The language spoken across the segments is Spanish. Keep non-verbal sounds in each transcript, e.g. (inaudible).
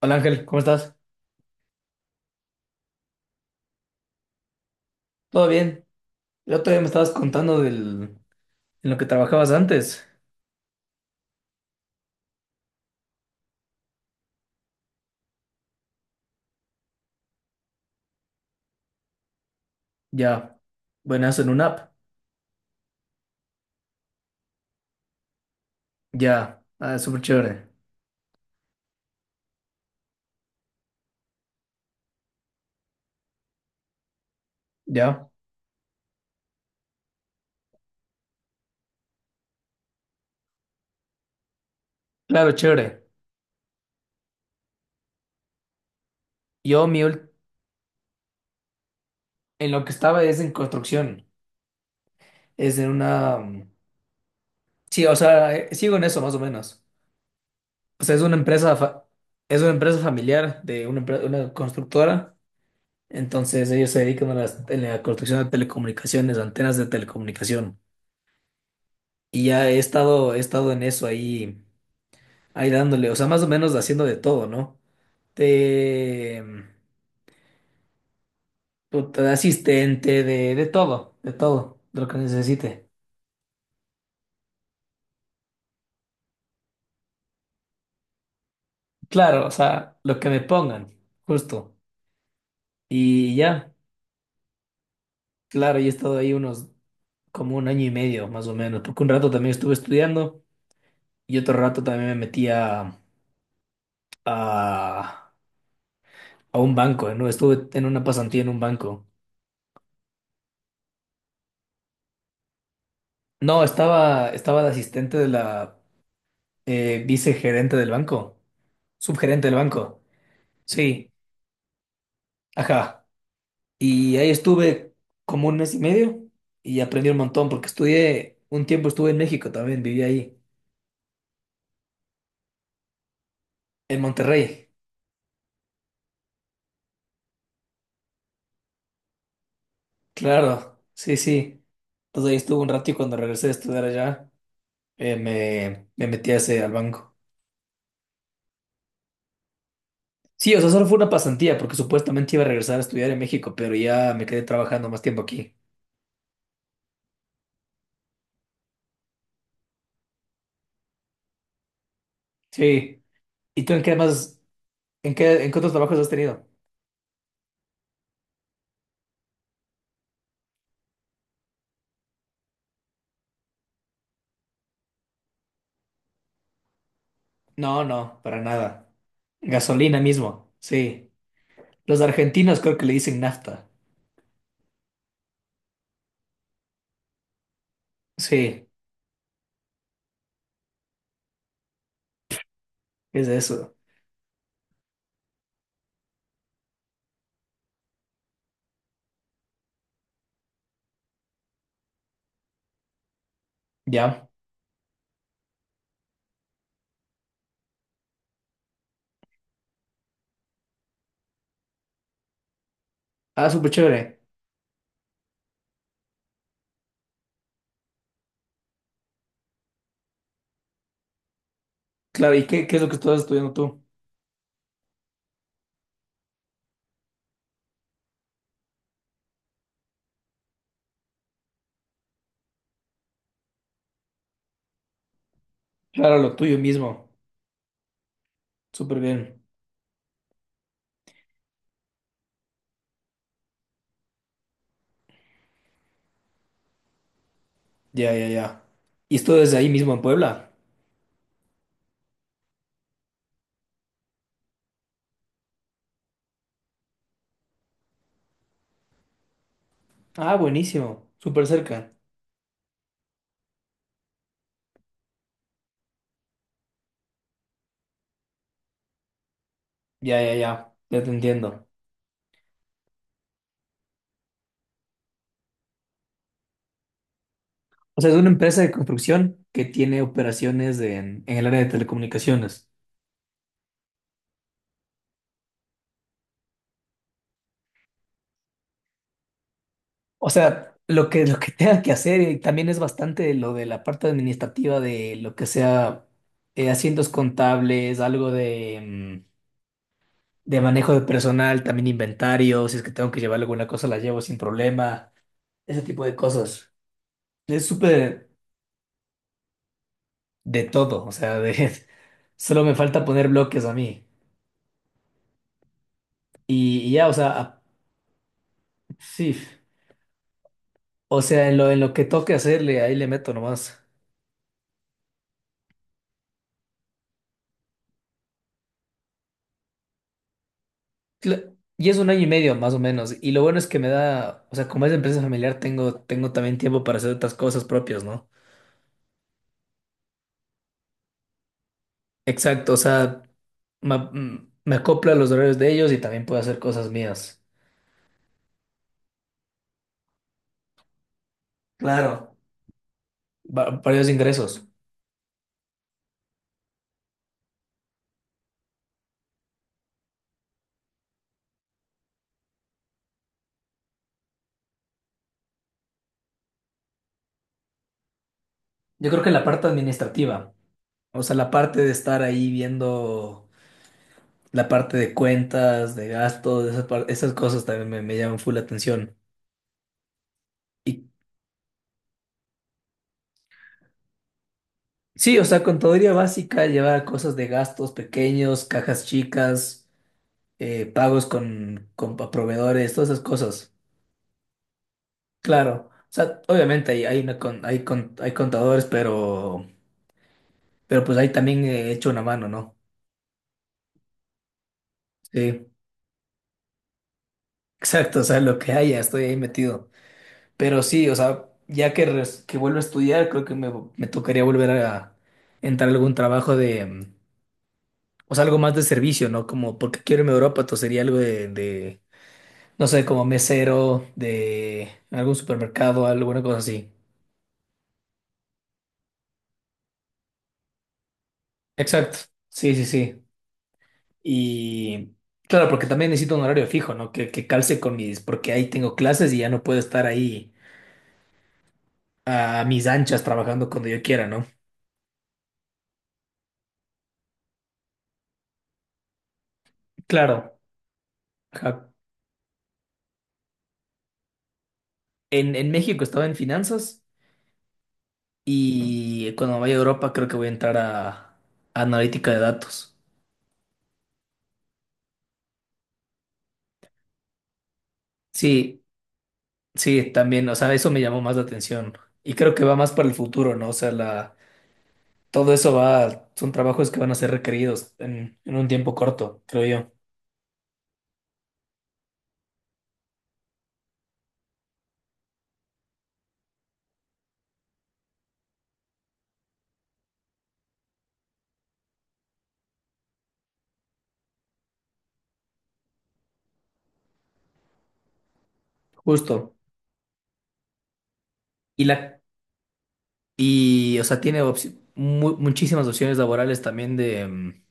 Hola Ángel, ¿cómo estás? ¿Todo bien? El otro día me estabas contando en lo que trabajabas antes. Ya, buenazo en una app. Ya, ah, súper chévere. Ya, claro, chévere. Yo, mi ul- en lo que estaba es en construcción. Es en una. Mm, Sí, o sea, sigo en eso más o menos. O sea, es una empresa familiar una constructora. Entonces, ellos se dedican a a la construcción de telecomunicaciones, antenas de telecomunicación. Y ya he estado en eso ahí. Ahí dándole, o sea, más o menos haciendo de todo, ¿no? De, puta, de asistente, de todo, de todo, de lo que necesite. Claro, o sea, lo que me pongan, justo. Y ya, claro, yo he estado ahí como un año y medio, más o menos, porque un rato también estuve estudiando y otro rato también me metí a, a un banco, ¿no? Estuve en una pasantía en un banco. No, estaba de asistente de la vicegerente del banco, subgerente del banco. Sí. Ajá. Y ahí estuve como un mes y medio y aprendí un montón porque estudié, un tiempo estuve en México también, viví ahí, en Monterrey. Claro, sí, sí. Entonces ahí estuve un rato y cuando regresé a estudiar allá, me metí a ese, al banco. Sí, o sea, solo fue una pasantía porque supuestamente iba a regresar a estudiar en México, pero ya me quedé trabajando más tiempo aquí. Sí. ¿Y tú en qué más, en qué otros trabajos has tenido? No, no, para nada. Gasolina mismo, sí. Los argentinos creo que le dicen nafta. Sí, es eso. Ya. Ah, súper chévere. Claro, ¿y qué es lo que estás estudiando tú? Claro, lo tuyo mismo. Súper bien. Ya, ya, ya. ¿Y esto desde ahí mismo en Puebla? Ah, buenísimo. Súper cerca. Ya, ya, ya. Ya te entiendo. O sea, es una empresa de construcción que tiene operaciones en el área de telecomunicaciones. O sea, lo que tenga que hacer también es bastante lo de la parte administrativa de lo que sea, asientos contables, de manejo de personal, también inventario, si es que tengo que llevar alguna cosa la llevo sin problema, ese tipo de cosas. Es súper de todo, o sea, de, (laughs) solo me falta poner bloques a mí. O sea, a- sí, o sea, en lo que toque hacerle, ahí le meto nomás. Cla- Y es un año y medio más o menos. Y lo bueno es que me da, o sea, como es empresa familiar, tengo también tiempo para hacer otras cosas propias, ¿no? Exacto, o sea, me acoplo a los horarios de ellos y también puedo hacer cosas mías. Claro, va- varios ingresos. Yo creo que la parte administrativa, o sea, la parte de estar ahí viendo la parte de cuentas, de gastos, esas, par- esas cosas también me llaman full la atención. Y sí, o sea, contaduría básica, llevar cosas de gastos pequeños, cajas chicas. Eh, pagos con con pa- proveedores, todas esas cosas. Claro, o sea, obviamente hay una con- hay contadores, pero pues ahí también he hecho una mano, ¿no? Sí, exacto, o sea, lo que haya, estoy ahí metido. Pero sí, o sea, ya que, res- que vuelvo a estudiar, creo que me tocaría volver a entrar a algún trabajo de, o sea, algo más de servicio, ¿no? Como porque quiero irme a Europa, entonces sería algo de, no sé, como mesero, de algún supermercado, alguna cosa así. Exacto, sí, sí, sí. Y claro, porque también necesito un horario fijo, ¿no? Que calce con mis, porque ahí tengo clases y ya no puedo estar ahí a mis anchas trabajando cuando yo quiera, ¿no? Claro. Ajá. En México estaba en finanzas y cuando vaya a Europa creo que voy a entrar a analítica de datos. Sí, sí, también, o sea, eso me llamó más la atención y creo que va más para el futuro, ¿no? O sea, la, todo eso va, son trabajos que van a ser requeridos en un tiempo corto, creo yo. Justo. Y la, Y, o sea, tiene opci- mu- muchísimas opciones laborales también de, mm,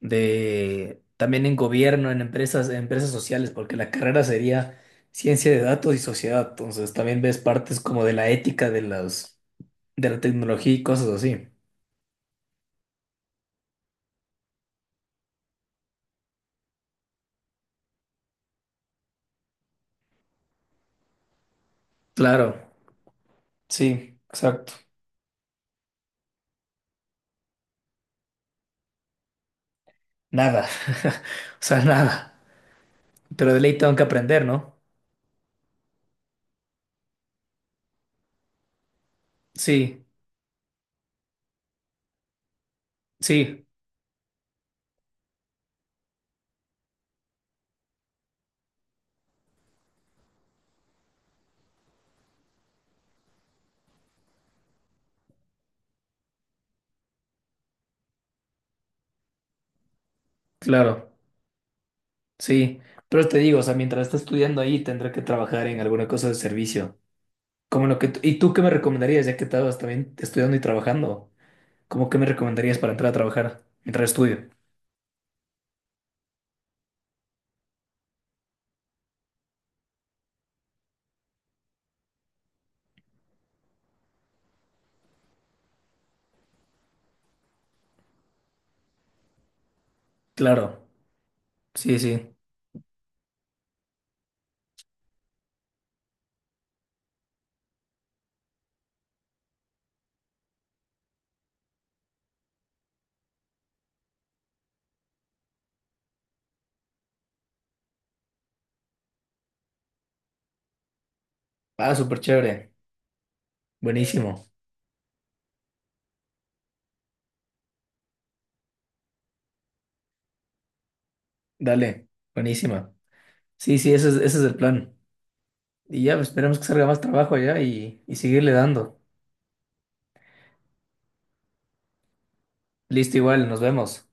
de, también en gobierno, en empresas sociales, porque la carrera sería ciencia de datos y sociedad. Entonces, también ves partes como de la ética de de la tecnología y cosas así. Claro, sí, exacto. Nada, (laughs) o sea, nada. Pero de ley tengo que aprender, ¿no? Sí, sí, claro, sí. Pero te digo, o sea, mientras esté estudiando ahí, tendré que trabajar en alguna cosa de servicio. Como lo que, t- ¿y tú qué me recomendarías, ya que estabas también estudiando y trabajando? ¿Cómo qué me recomendarías para entrar a trabajar mientras estudio? Claro, sí, sí. Ah, súper chévere. Buenísimo. Dale, buenísima. Sí, sí, ese es el plan. Y ya, pues, esperemos que salga más trabajo allá y seguirle dando. Listo, igual, nos vemos.